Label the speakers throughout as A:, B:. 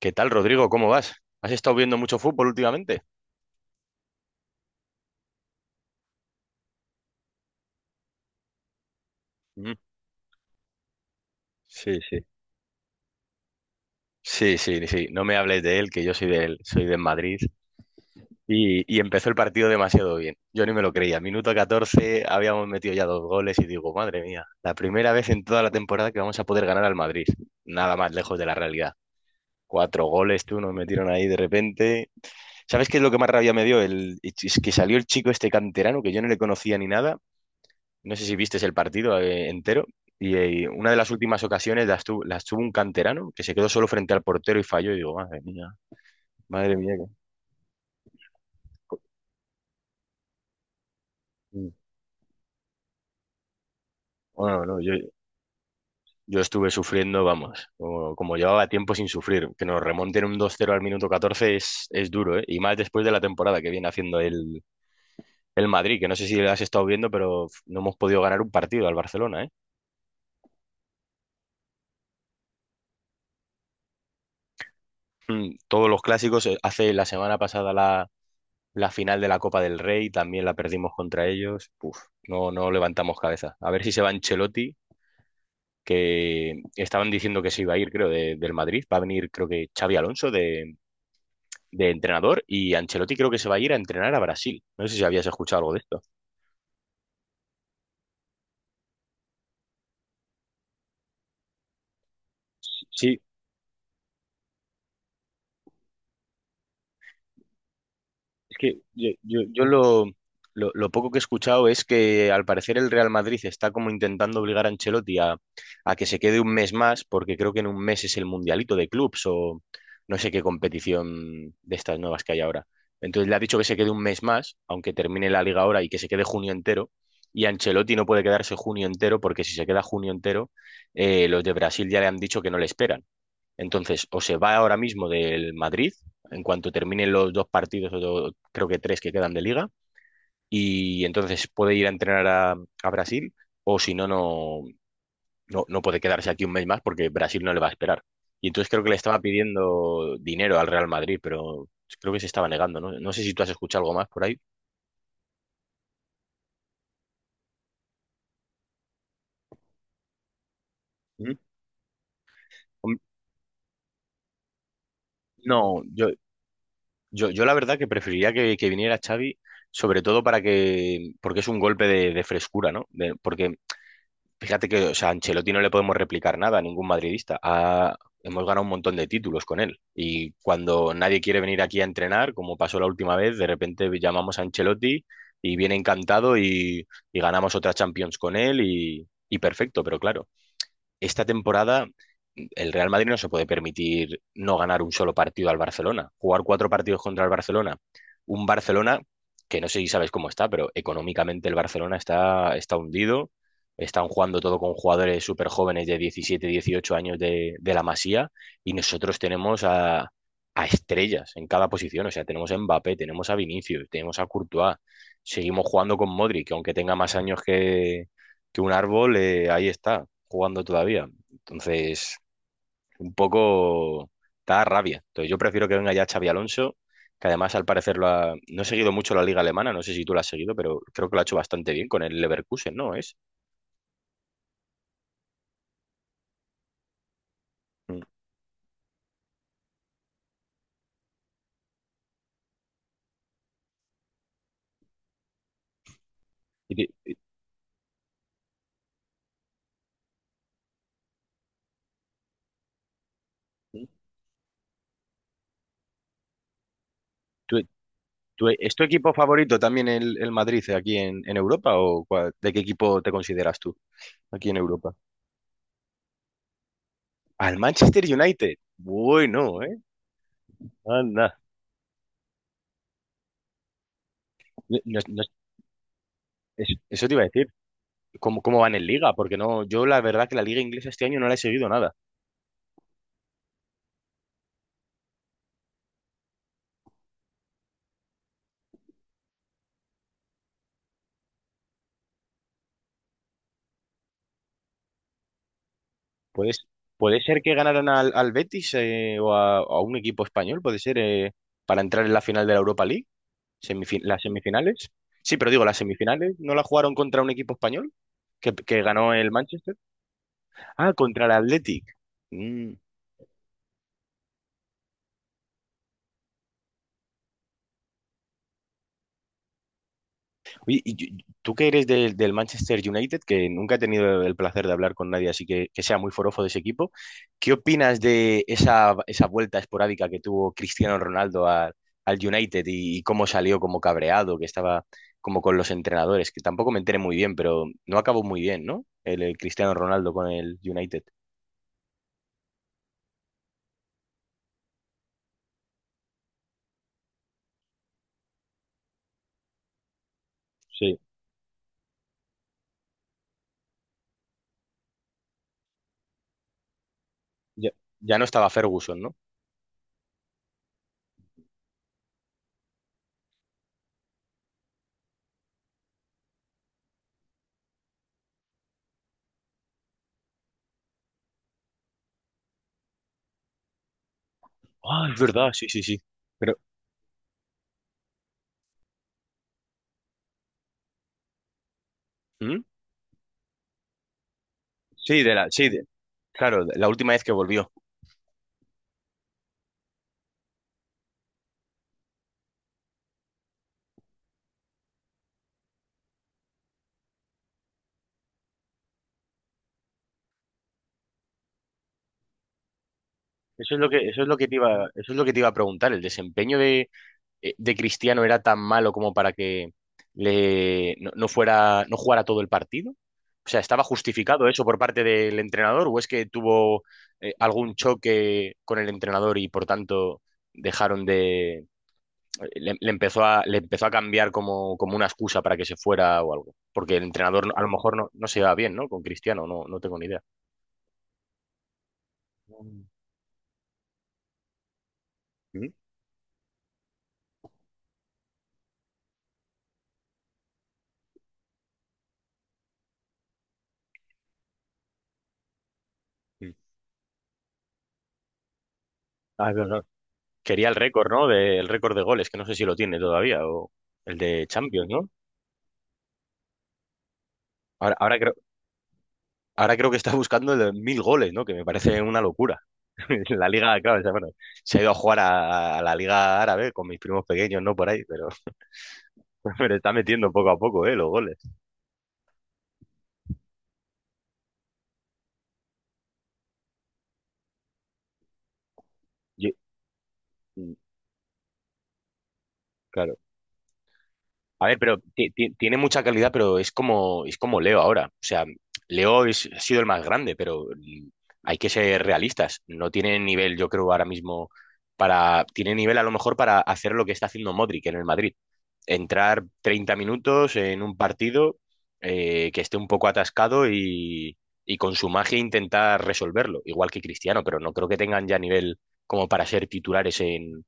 A: ¿Qué tal, Rodrigo? ¿Cómo vas? ¿Has estado viendo mucho fútbol últimamente? Mm, sí, sí. Sí, sí, sí. No me hables de él, que yo soy de él, soy de Madrid. Y empezó el partido demasiado bien. Yo ni me lo creía. Minuto 14, habíamos metido ya dos goles y digo, madre mía, la primera vez en toda la temporada que vamos a poder ganar al Madrid. Nada más lejos de la realidad. Cuatro goles, tú, nos metieron ahí de repente. ¿Sabes qué es lo que más rabia me dio? El, es que salió el chico este canterano, que yo no le conocía ni nada. No sé si viste el partido entero. Y una de las últimas ocasiones las tuvo un canterano que se quedó solo frente al portero y falló. Y digo, madre mía, madre mía. Bueno, no, yo estuve sufriendo, vamos, como, como llevaba tiempo sin sufrir. Que nos remonten un 2-0 al minuto 14 es duro, ¿eh? Y más después de la temporada que viene haciendo el Madrid, que no sé si lo has estado viendo, pero no hemos podido ganar un partido al Barcelona, ¿eh? Mm, todos los clásicos, hace la semana pasada la final de la Copa del Rey también la perdimos contra ellos. Uf, no, no levantamos cabeza. A ver si se va Ancelotti, que estaban diciendo que se iba a ir, creo, del Madrid. Va a venir, creo que Xavi Alonso de entrenador y Ancelotti creo que se va a ir a entrenar a Brasil. No sé si habías escuchado algo de esto. Sí, es que yo, yo lo, lo poco que he escuchado es que al parecer el Real Madrid está como intentando obligar a Ancelotti a que se quede un mes más, porque creo que en un mes es el Mundialito de Clubs o no sé qué competición de estas nuevas que hay ahora. Entonces le ha dicho que se quede un mes más, aunque termine la liga ahora y que se quede junio entero. Y Ancelotti no puede quedarse junio entero porque si se queda junio entero, los de Brasil ya le han dicho que no le esperan. Entonces, o se va ahora mismo del Madrid, en cuanto terminen los dos partidos, o creo que tres que quedan de liga, y entonces puede ir a entrenar a Brasil, o si no, no, no, no puede quedarse aquí un mes más porque Brasil no le va a esperar. Y entonces creo que le estaba pidiendo dinero al Real Madrid, pero creo que se estaba negando, ¿no? No sé si tú has escuchado algo más por ahí. ¿Mm? Hom- No, yo la verdad que preferiría que viniera Xavi, sobre todo para que, porque es un golpe de frescura, ¿no? Porque fíjate que, o sea, a Ancelotti no le podemos replicar nada a ningún madridista. Hemos ganado un montón de títulos con él. Y cuando nadie quiere venir aquí a entrenar, como pasó la última vez, de repente llamamos a Ancelotti y viene encantado y ganamos otra Champions con él y perfecto. Pero claro, esta temporada el Real Madrid no se puede permitir no ganar un solo partido al Barcelona. Jugar cuatro partidos contra el Barcelona. Un Barcelona que no sé si sabes cómo está, pero económicamente el Barcelona está, está hundido. Están jugando todo con jugadores súper jóvenes de 17, 18 años de la Masía y nosotros tenemos a estrellas en cada posición. O sea, tenemos a Mbappé, tenemos a Vinicius, tenemos a Courtois. Seguimos jugando con Modric, que aunque tenga más años que un árbol, ahí está jugando todavía. Entonces, un poco da rabia. Entonces, yo prefiero que venga ya Xavi Alonso, que además al parecer lo ha... No he seguido mucho la liga alemana, no sé si tú la has seguido, pero creo que lo ha hecho bastante bien con el Leverkusen, ¿no? Es. Mm. ¿Y ti- tu- ¿Es tu equipo favorito también el Madrid aquí en Europa o ¿de qué equipo te consideras tú aquí en Europa? Al Manchester United. Bueno, ¿eh? Anda. No- no- no- Eso te iba a decir. ¿Cómo, cómo van en Liga? Porque no, yo la verdad que la Liga inglesa este año no la he seguido nada. Puede, puede ser que ganaran al, al Betis o a un equipo español, puede ser, para entrar en la final de la Europa League, las semifinales. Sí, pero digo, las semifinales no la jugaron contra un equipo español que ganó el Manchester. Ah, contra el Athletic. Mm, oye, tú que eres del, del Manchester United, que nunca he tenido el placer de hablar con nadie, así que sea muy forofo de ese equipo, ¿qué opinas de esa, esa vuelta esporádica que tuvo Cristiano Ronaldo al, al United y cómo salió como cabreado, que estaba como con los entrenadores? Que tampoco me enteré muy bien, pero no acabó muy bien, ¿no? El Cristiano Ronaldo con el United. Sí, ya, ya no estaba Ferguson, ¿no? Ah, es verdad, sí, sí, sí. Pero, ¿mm? Sí, de la, sí, de- claro, de la última vez que volvió. Eso es lo que, eso es lo que te iba, eso es lo que te iba a preguntar. ¿El desempeño de Cristiano era tan malo como para que le, no, no fuera, no jugara todo el partido? O sea, ¿estaba justificado eso por parte del entrenador o es que tuvo algún choque con el entrenador y por tanto dejaron de, le, empezó a, le empezó a cambiar como, como una excusa para que se fuera o algo? Porque el entrenador no, a lo mejor no, no se va bien, ¿no? Con Cristiano, no, no tengo ni idea. Mm. Mm. Ah, es verdad. Quería el récord, ¿no? De- el récord de goles, que no sé si lo tiene todavía, o el de Champions, ¿no? Ahora, ahora creo que está buscando el de 1.000 goles, ¿no? Que me parece una locura. La liga, claro, o sea, bueno, se ha ido a jugar a la liga árabe con mis primos pequeños, ¿no? Por ahí, pero, pero está metiendo poco a poco, ¿eh? Los goles. Yo- mm, claro. A ver, pero tiene mucha calidad, pero es como Leo ahora. O sea, ha sido el más grande, pero mm, hay que ser realistas. No tiene nivel, yo creo, ahora mismo para... Tiene nivel a lo mejor para hacer lo que está haciendo Modric en el Madrid. Entrar 30 minutos en un partido que esté un poco atascado y con su magia intentar resolverlo, igual que Cristiano, pero no creo que tengan ya nivel como para ser titulares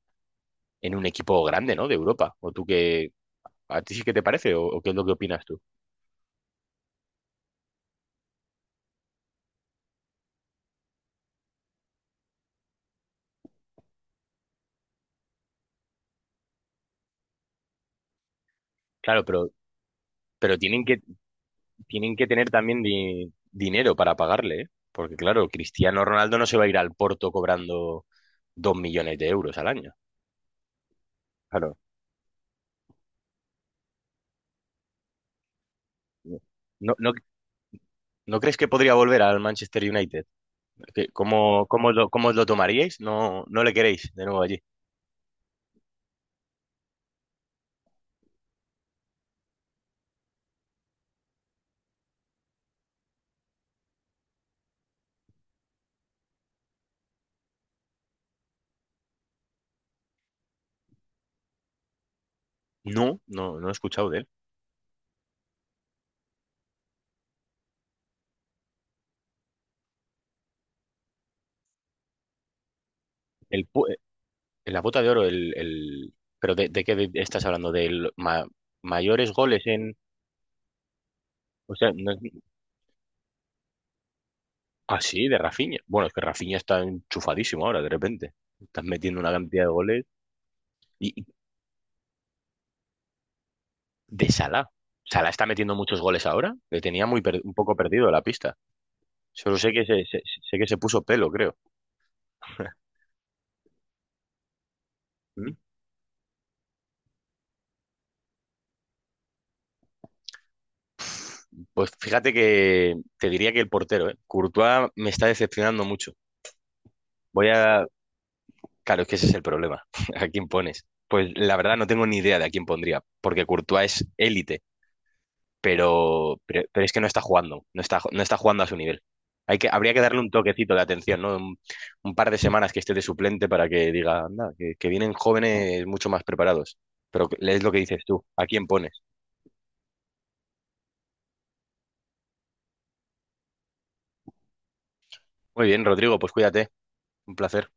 A: en un equipo grande, ¿no? De Europa. ¿O tú qué, ¿a ti sí que te parece o qué es lo que opinas tú? Claro, pero pero tienen que tener también dinero para pagarle, ¿eh? Porque claro, Cristiano Ronaldo no se va a ir al Porto cobrando 2 millones de euros al año. Claro. ¿No, no, no crees que podría volver al Manchester United? ¿Qué- ¿cómo, cómo lo tomaríais? ¿No, no le queréis de nuevo allí? No, no, no he escuchado de él. El, pu- eh, la bota de oro, ¿pero de qué estás hablando? ¿De mayores goles en...? O sea, no- Ah, sí, de Rafinha. Bueno, es que Rafinha está enchufadísimo ahora, de repente. Estás metiendo una cantidad de goles. Y de Salah. Salah está metiendo muchos goles ahora. Le tenía muy un poco perdido la pista. Solo sé que se, sé que se puso pelo, creo. ¿Mm? Pues fíjate que te diría que el portero, ¿eh? Courtois me está decepcionando mucho. Voy a... Claro, es que ese es el problema. ¿A quién pones? Pues la verdad no tengo ni idea de a quién pondría, porque Courtois es élite pero es que no está jugando, no está, no está jugando a su nivel. Hay que, habría que darle un toquecito de atención, ¿no? Un par de semanas que esté de suplente para que diga, anda, que vienen jóvenes mucho más preparados. Pero es lo que dices tú, ¿a quién pones? Muy bien, Rodrigo, pues cuídate, un placer.